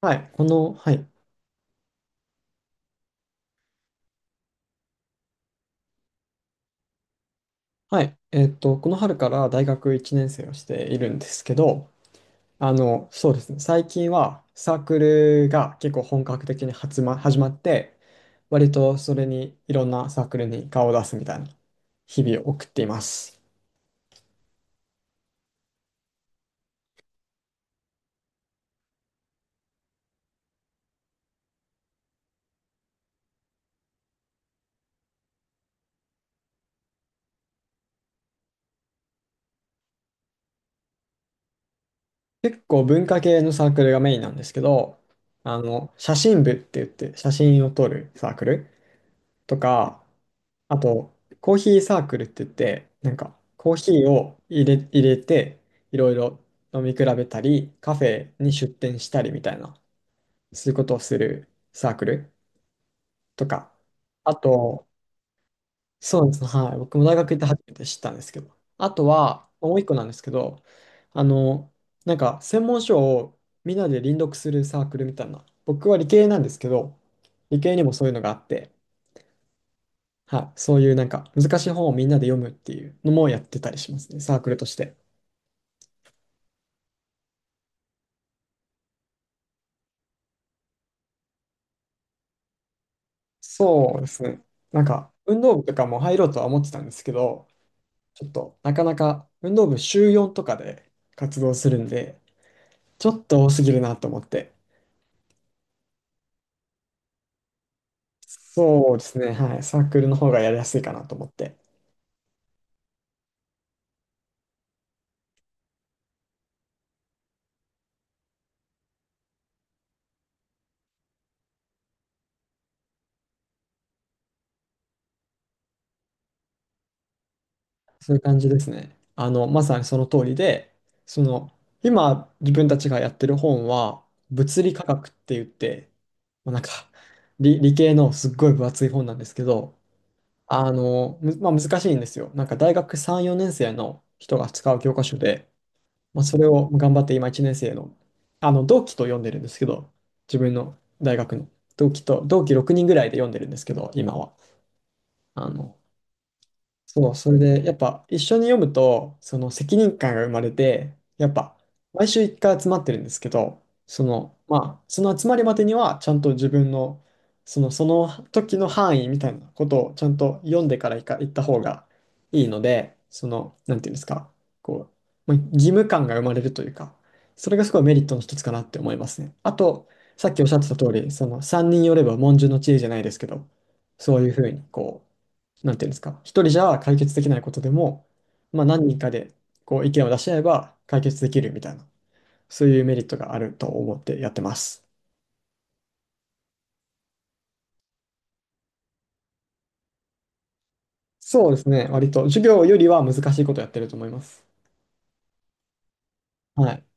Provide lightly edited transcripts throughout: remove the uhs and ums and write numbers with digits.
はい、はい、はい、この春から大学1年生をしているんですけど、そうですね、最近はサークルが結構本格的に始まって、割とそれにいろんなサークルに顔を出すみたいな日々を送っています。結構文化系のサークルがメインなんですけど、写真部って言って写真を撮るサークルとか、あと、コーヒーサークルって言って、なんか、コーヒーを入れて、いろいろ飲み比べたり、カフェに出店したりみたいな、そういうことをするサークルとか、あと、そうですね、はい、僕も大学行って初めて知ったんですけど、あとは、もう一個なんですけど、あの、専門書をみんなで輪読するサークルみたいな、僕は理系なんですけど、理系にもそういうのがあって、はい、そういうなんか難しい本をみんなで読むっていうのもやってたりしますね、サークルとして。そうですね。なんか運動部とかも入ろうとは思ってたんですけど、ちょっとなかなか運動部週4とかで活動するんで、ちょっと多すぎるなと思って。そうですね。はい。サークルの方がやりやすいかなと思って。そういう感じですね。まさにその通りで、その、今自分たちがやってる本は、物理科学って言って、まあ、なんか理系のすっごい分厚い本なんですけど、あの、むまあ、難しいんですよ。なんか大学3、4年生の人が使う教科書で、まあ、それを頑張って今1年生の、同期と読んでるんですけど、自分の大学の同期6人ぐらいで読んでるんですけど、今は。あの、そう、それで、やっぱ一緒に読むと、その責任感が生まれて、やっぱ毎週一回集まってるんですけど、その、まあ、その集まりまでには、ちゃんと自分の、その、その時の範囲みたいなことをちゃんと読んでから行った方がいいので、その、なんていうんですか、こう、まあ、義務感が生まれるというか、それがすごいメリットの一つかなって思いますね。あと、さっきおっしゃってた通り、その3人寄れば文殊の知恵じゃないですけど、そういうふうにこう、なんていうんですか、一人じゃ解決できないことでも、まあ、何人かでこう意見を出し合えば解決できるみたいな、そういうメリットがあると思ってやってます。そうですね、割と授業よりは難しいことやってると思います。はい。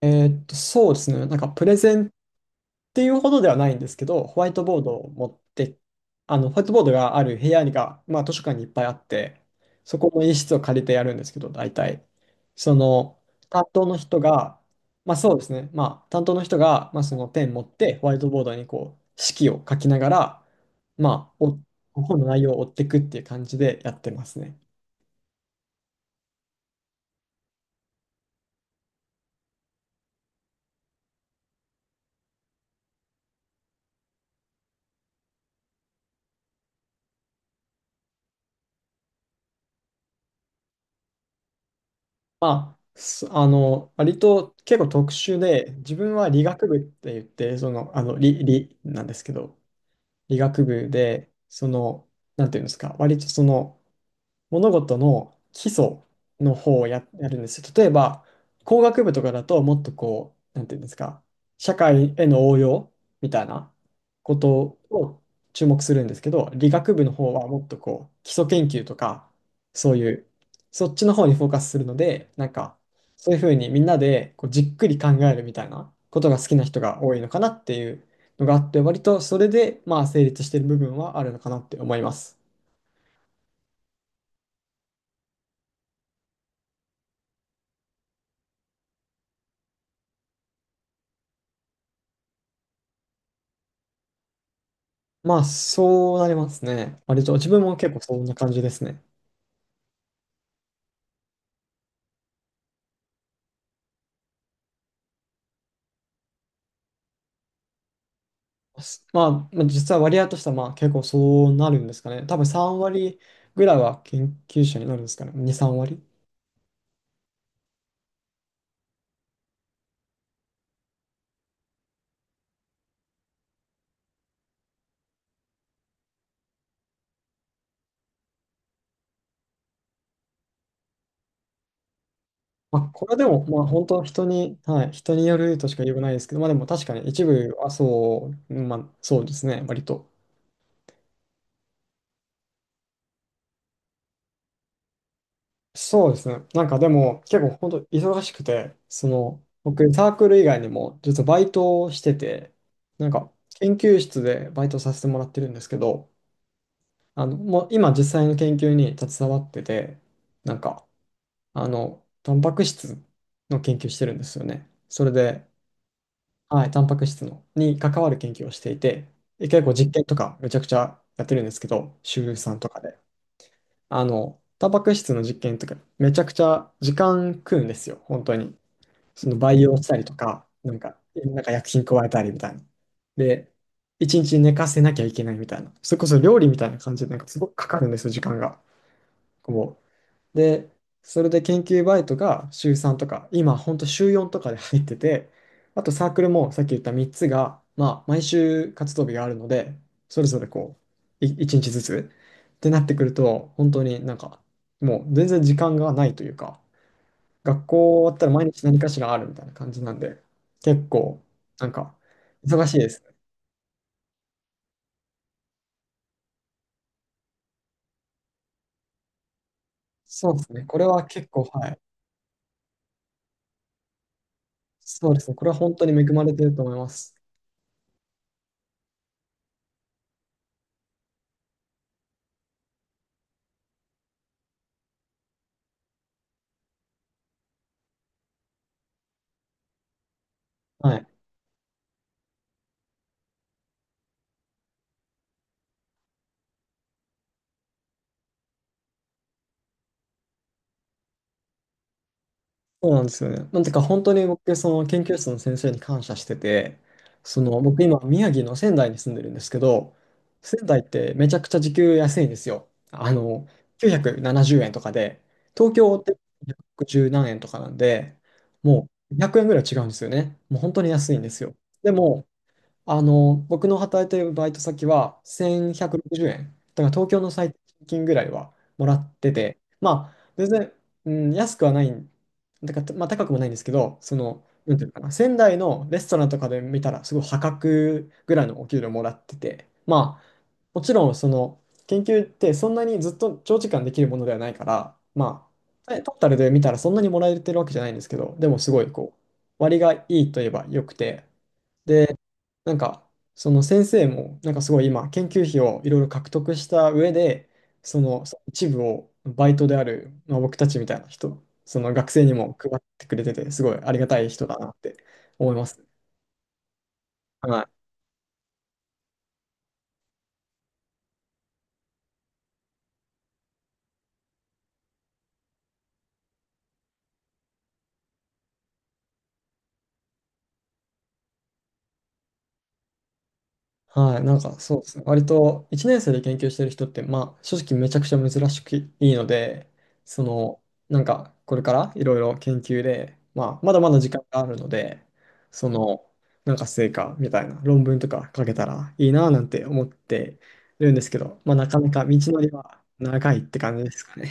そうですね、なんかプレゼンっていうほどではないんですけど、ホワイトボードを持って、ホワイトボードがある部屋が、まあ、図書館にいっぱいあって、そこの一室を借りてやるんですけど、大体、その、担当の人が、まあそうですね、まあ、担当の人が、まあ、そのペン持って、ホワイトボードにこう、式を書きながら、まあ、本の内容を追っていくっていう感じでやってますね。まあ、すあの、割と結構特殊で、自分は理学部って言って、その、あの、理なんですけど、理学部で、その、なんていうんですか、割とその、物事の基礎の方をやるんですよ。例えば、工学部とかだともっとこう、なんていうんですか、社会への応用みたいなことを注目するんですけど、理学部の方はもっとこう、基礎研究とか、そういう、そっちの方にフォーカスするので、なんか、そういうふうにみんなでこうじっくり考えるみたいなことが好きな人が多いのかなっていうのがあって、割とそれでまあ成立している部分はあるのかなって思います。まあ、そうなりますね。割と、自分も結構そんな感じですね。すまあ、まあ実は割合としては、まあ、結構そうなるんですかね。多分3割ぐらいは研究者になるんですかね。2、3割。まあ、これでも、まあ、本当人に、はい、人によるとしか言えうがないですけど、まあ、でも確かに一部はそう、まあ、そうですね、割と。そうですね。なんかでも、結構本当忙しくて、その、僕、サークル以外にも、実はバイトをしてて、なんか、研究室でバイトさせてもらってるんですけど、もう今実際の研究に携わってて、なんか、タンパク質の研究してるんですよね。それで、はい、タンパク質のに関わる研究をしていて、で結構実験とかめちゃくちゃやってるんですけど、週さんとかで。タンパク質の実験とかめちゃくちゃ時間食うんですよ、本当に。その培養したりとか、なんか薬品加えたりみたいな。で、一日寝かせなきゃいけないみたいな。それこそ料理みたいな感じで、なんかすごくかかるんですよ、時間が。こう。で、それで研究バイトが週3とか、今ほんと週4とかで入ってて、あとサークルもさっき言った3つが、まあ毎週活動日があるので、それぞれこう、1日ずつってなってくると、本当になんか、もう全然時間がないというか、学校終わったら毎日何かしらあるみたいな感じなんで、結構、なんか、忙しいですね。そうですね。これは結構、はい。そうですね。これは本当に恵まれてると思います。はい。そうなんですよね。なんてか本当に僕、その研究室の先生に感謝してて、その僕今宮城の仙台に住んでるんですけど、仙台ってめちゃくちゃ時給安いんですよ。970円とかで、東京って110何円とかなんで、もう100円ぐらい違うんですよね。もう本当に安いんですよ。でも、僕の働いてるバイト先は1160円。だから東京の最低賃金ぐらいはもらってて、まあ、全然、うん、安くはないん、だから、まあ、高くもないんですけど、その、なんていうのかな、仙台のレストランとかで見たら、すごい破格ぐらいのお給料もらってて、まあ、もちろん、その、研究ってそんなにずっと長時間できるものではないから、まあ、トータルで見たらそんなにもらえてるわけじゃないんですけど、でもすごい、こう、割がいいといえば良くて、で、なんか、その先生も、なんかすごい今、研究費をいろいろ獲得した上で、その一部をバイトである、まあ、僕たちみたいな人、その学生にも配ってくれてて、すごいありがたい人だなって思います。はいはい、なんかそうですね。割と1年生で研究してる人って、まあ正直めちゃくちゃ珍しくいいので、その、なんかこれからいろいろ研究で、まあまだまだ時間があるので、その、なんか成果みたいな論文とか書けたらいいなぁなんて思ってるんですけど、まあなかなか道のりは長いって感じですかね。